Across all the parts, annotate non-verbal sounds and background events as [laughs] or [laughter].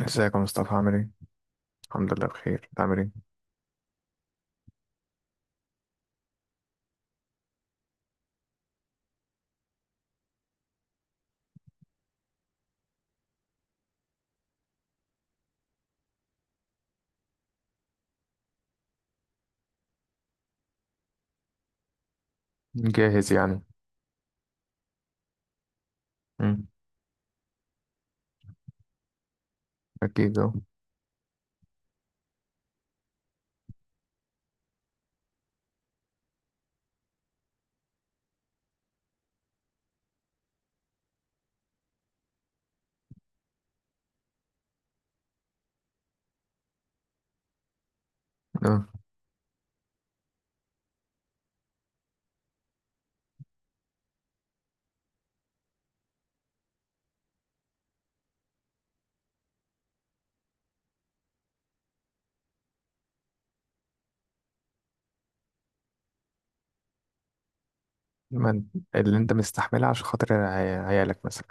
ازيك يا مصطفى، عامل ايه؟ الحمد لله، بخير. انت عامل ايه؟ جاهز يعني. امم. اكيد اه. اه. اللي انت مستحملها عشان خاطر عيالك مثلا.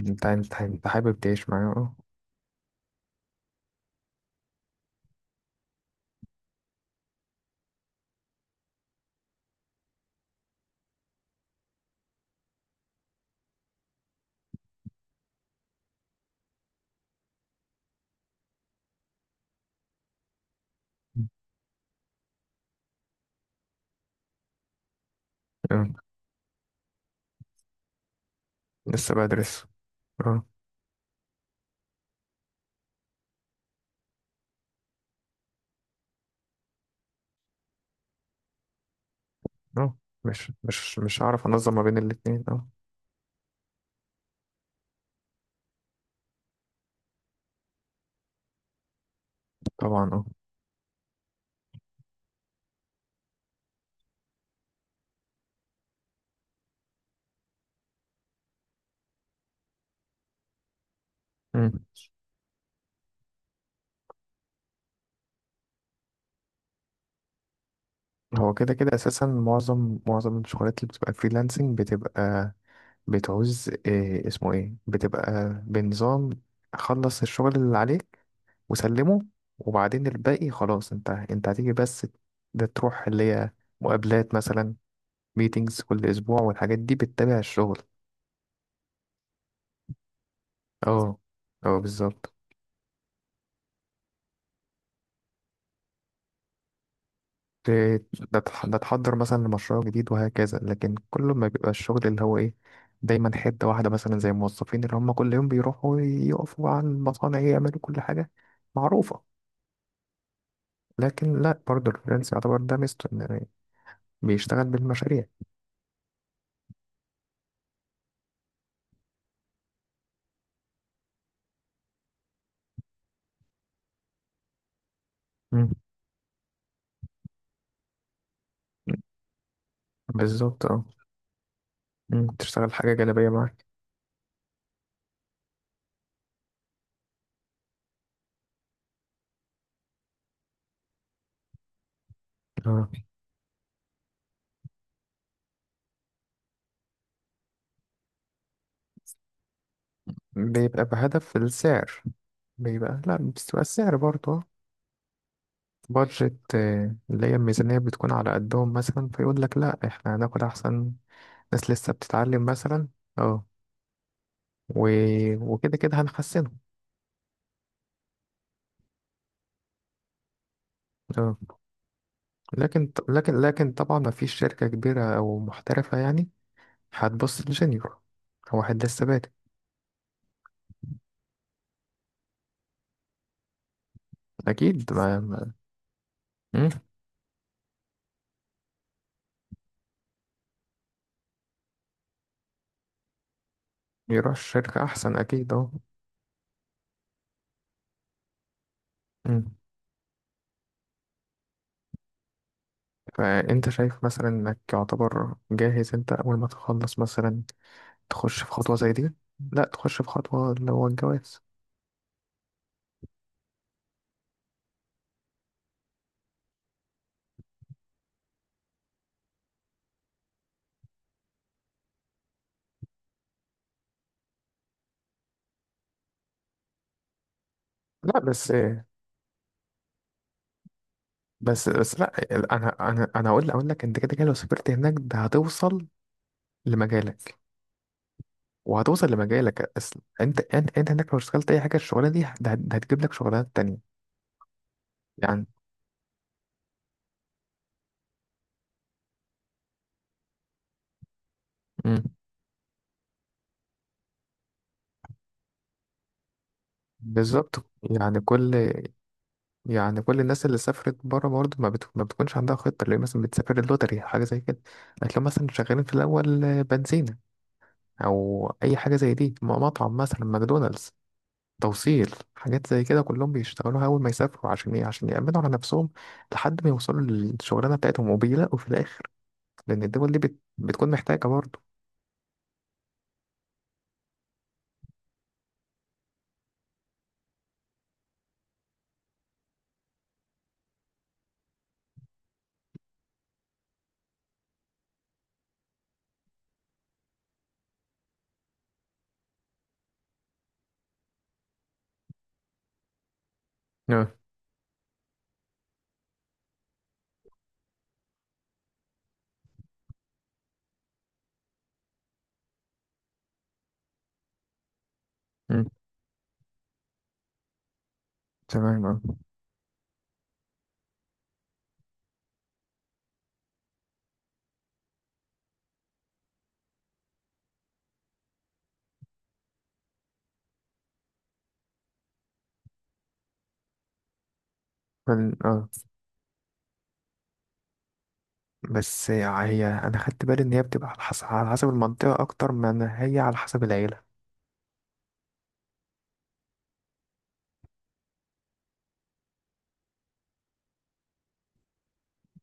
انت حابب تعيش معايا، اه. اه، لسه بدرس. اه. اه، مش هعرف انظم ما بين الاتنين، اه. طبعا اه. مم. هو كده كده اساسا معظم الشغلات اللي بتبقى فريلانسنج بتبقى بتعوز إيه اسمه ايه، بتبقى بنظام: خلص الشغل اللي عليك، وسلمه، وبعدين الباقي خلاص. انت هتيجي بس ده تروح اللي هي مقابلات مثلا، ميتينجز كل اسبوع، والحاجات دي بتتابع الشغل. اه. اه، بالظبط. ت- ده تحضر مثلا لمشروع جديد، وهكذا. لكن كل ما بيبقى الشغل اللي هو ايه، دايما حتة واحدة، مثلا زي الموظفين اللي هم كل يوم بيروحوا يقفوا عن المصانع، يعملوا كل حاجة معروفة. لكن لا، برضه الفريلانس يعتبر ده ميزته، إن بيشتغل بالمشاريع. مم. بالظبط اه. مم، تشتغل حاجة جانبية معاك. اه. بيبقى بهدف السعر. بيبقى لا، بتبقى السعر برضه بادجت، اللي هي الميزانية، بتكون على قدهم، مثلا فيقول لك: لا، احنا هناخد أحسن ناس لسه بتتعلم مثلا. اه. و... وكده كده هنحسنه. اه. لكن طبعا ما فيش شركة كبيرة أو محترفة يعني، هتبص لجونيور. هو واحد لسه بادئ. أكيد ما, ما... مم، يروح شركة أحسن أكيد اه. مم. فأنت شايف مثلا إنك يعتبر جاهز أنت أول ما تخلص مثلا، تخش في خطوة زي دي؟ لا، تخش في خطوة اللي هو الجواز. لا. بس لا. أنا أقول لك، أنت كده كده لو سافرت هناك، ده هتوصل لمجالك، وهتوصل لمجالك. أصل أنت هناك لو اشتغلت أي حاجة، الشغلانة دي ده هتجيب لك شغلانات تانية، يعني. مم. بالظبط. يعني كل يعني كل الناس اللي سافرت بره برضه ما بتكونش عندها خطة، اللي هي مثلا بتسافر اللوتري، حاجة زي كده. هتلاقيهم مثلا شغالين في الأول، بنزينة أو أي حاجة زي دي، مطعم مثلا، ماكدونالدز، توصيل، حاجات زي كده، كلهم بيشتغلوها أول ما يسافروا. عشان إيه؟ عشان يأمنوا على نفسهم لحد ما يوصلوا للشغلانة بتاعتهم، وبيلاقوا في الآخر، لأن الدول دي بتكون محتاجة برضه. اه. مم. تمام اه. فال- اه بس هي أنا خدت بالي إن هي بتبقى على حسب، على حسب المنطقة أكتر من هي على حسب العيلة.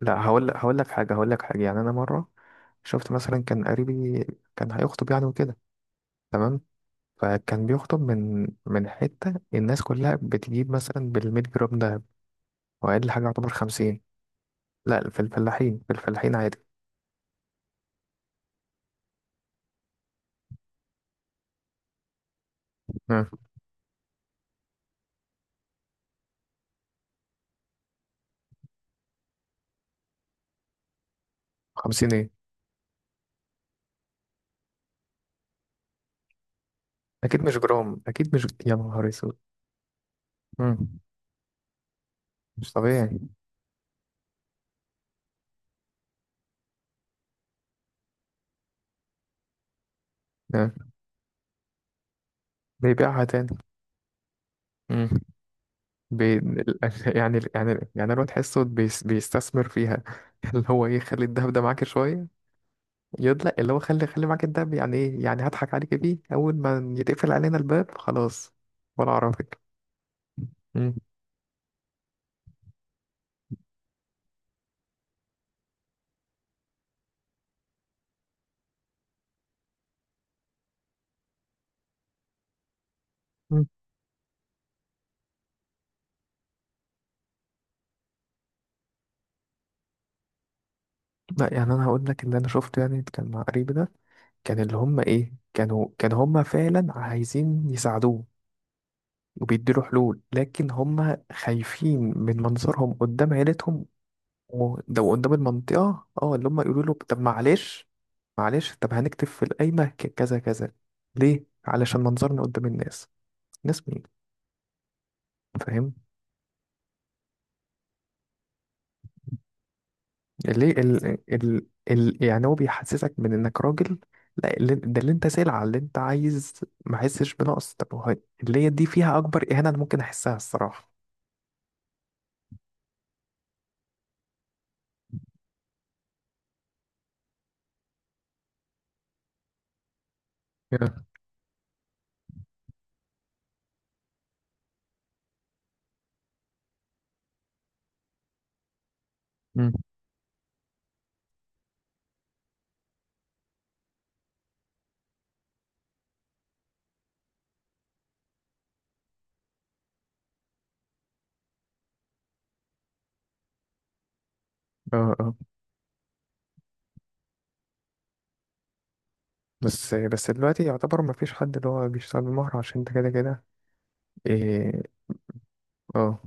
لا، هقول لك حاجة، يعني أنا مرة شفت مثلا، كان قريبي كان هيخطب يعني، وكده. تمام. فكان بيخطب من حتة، الناس كلها بتجيب مثلا بـ100 جرام دهب، وأقل حاجة يعتبر 50. لا، في الفلاحين، في الفلاحين عادي. مم. 50 ايه؟ أكيد مش جرام، أكيد مش، يا نهار أسود. مم. مش طبيعي. مم. بيبيعها تاني. مم. بي... ال- [laughs] يعني الواد تحسه بيستثمر فيها [laughs] اللي هو ايه، خلي الدهب ده معاك شوية. يقول: لا، اللي هو خلي معاك الدهب. يعني ايه؟ يعني هضحك عليك بيه اول ما يتقفل علينا الباب؟ خلاص ولا اعرفك. مم. مم. لا، يعني انا هقول لك اللي انا شفته، يعني كان مع قريبي ده. كان اللي هم ايه، كانوا كان هم فعلا عايزين يساعدوه، وبيديله حلول، لكن هم خايفين من منظرهم قدام عيلتهم. وده قدام المنطقة، اللي هم يقولوا له: طب معلش، معلش، طب هنكتب في القايمة كذا كذا. ليه؟ علشان منظرنا قدام الناس. ناس مين؟ فاهم. ليه؟ يعني هو بيحسسك من انك راجل. لا، ده اللي انت سلعة اللي انت عايز. ما احسش بنقص. طب هو اللي هي دي فيها اكبر اهانة انا ممكن احسها، الصراحة. كده. مم. اه. اه، بس دلوقتي يعتبر ما فيش حد اللي هو بيشتغل بمهر، عشان انت كده كده. ايه. اه.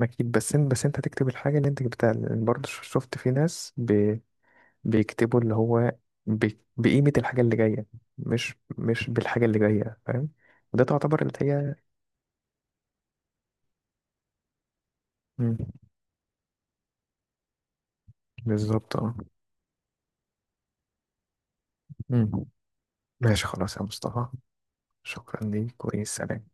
اكيد. بس انت تكتب الحاجة اللي انت جبتها، لأن برضه شفت في ناس بيكتبوا اللي هو، بقيمة الحاجة اللي جاية، مش بالحاجة اللي جاية، فاهم. وده تعتبر اللي هي. مم. بالظبط اه. مم. ماشي، خلاص يا مصطفى، شكرا ليك، وسلام.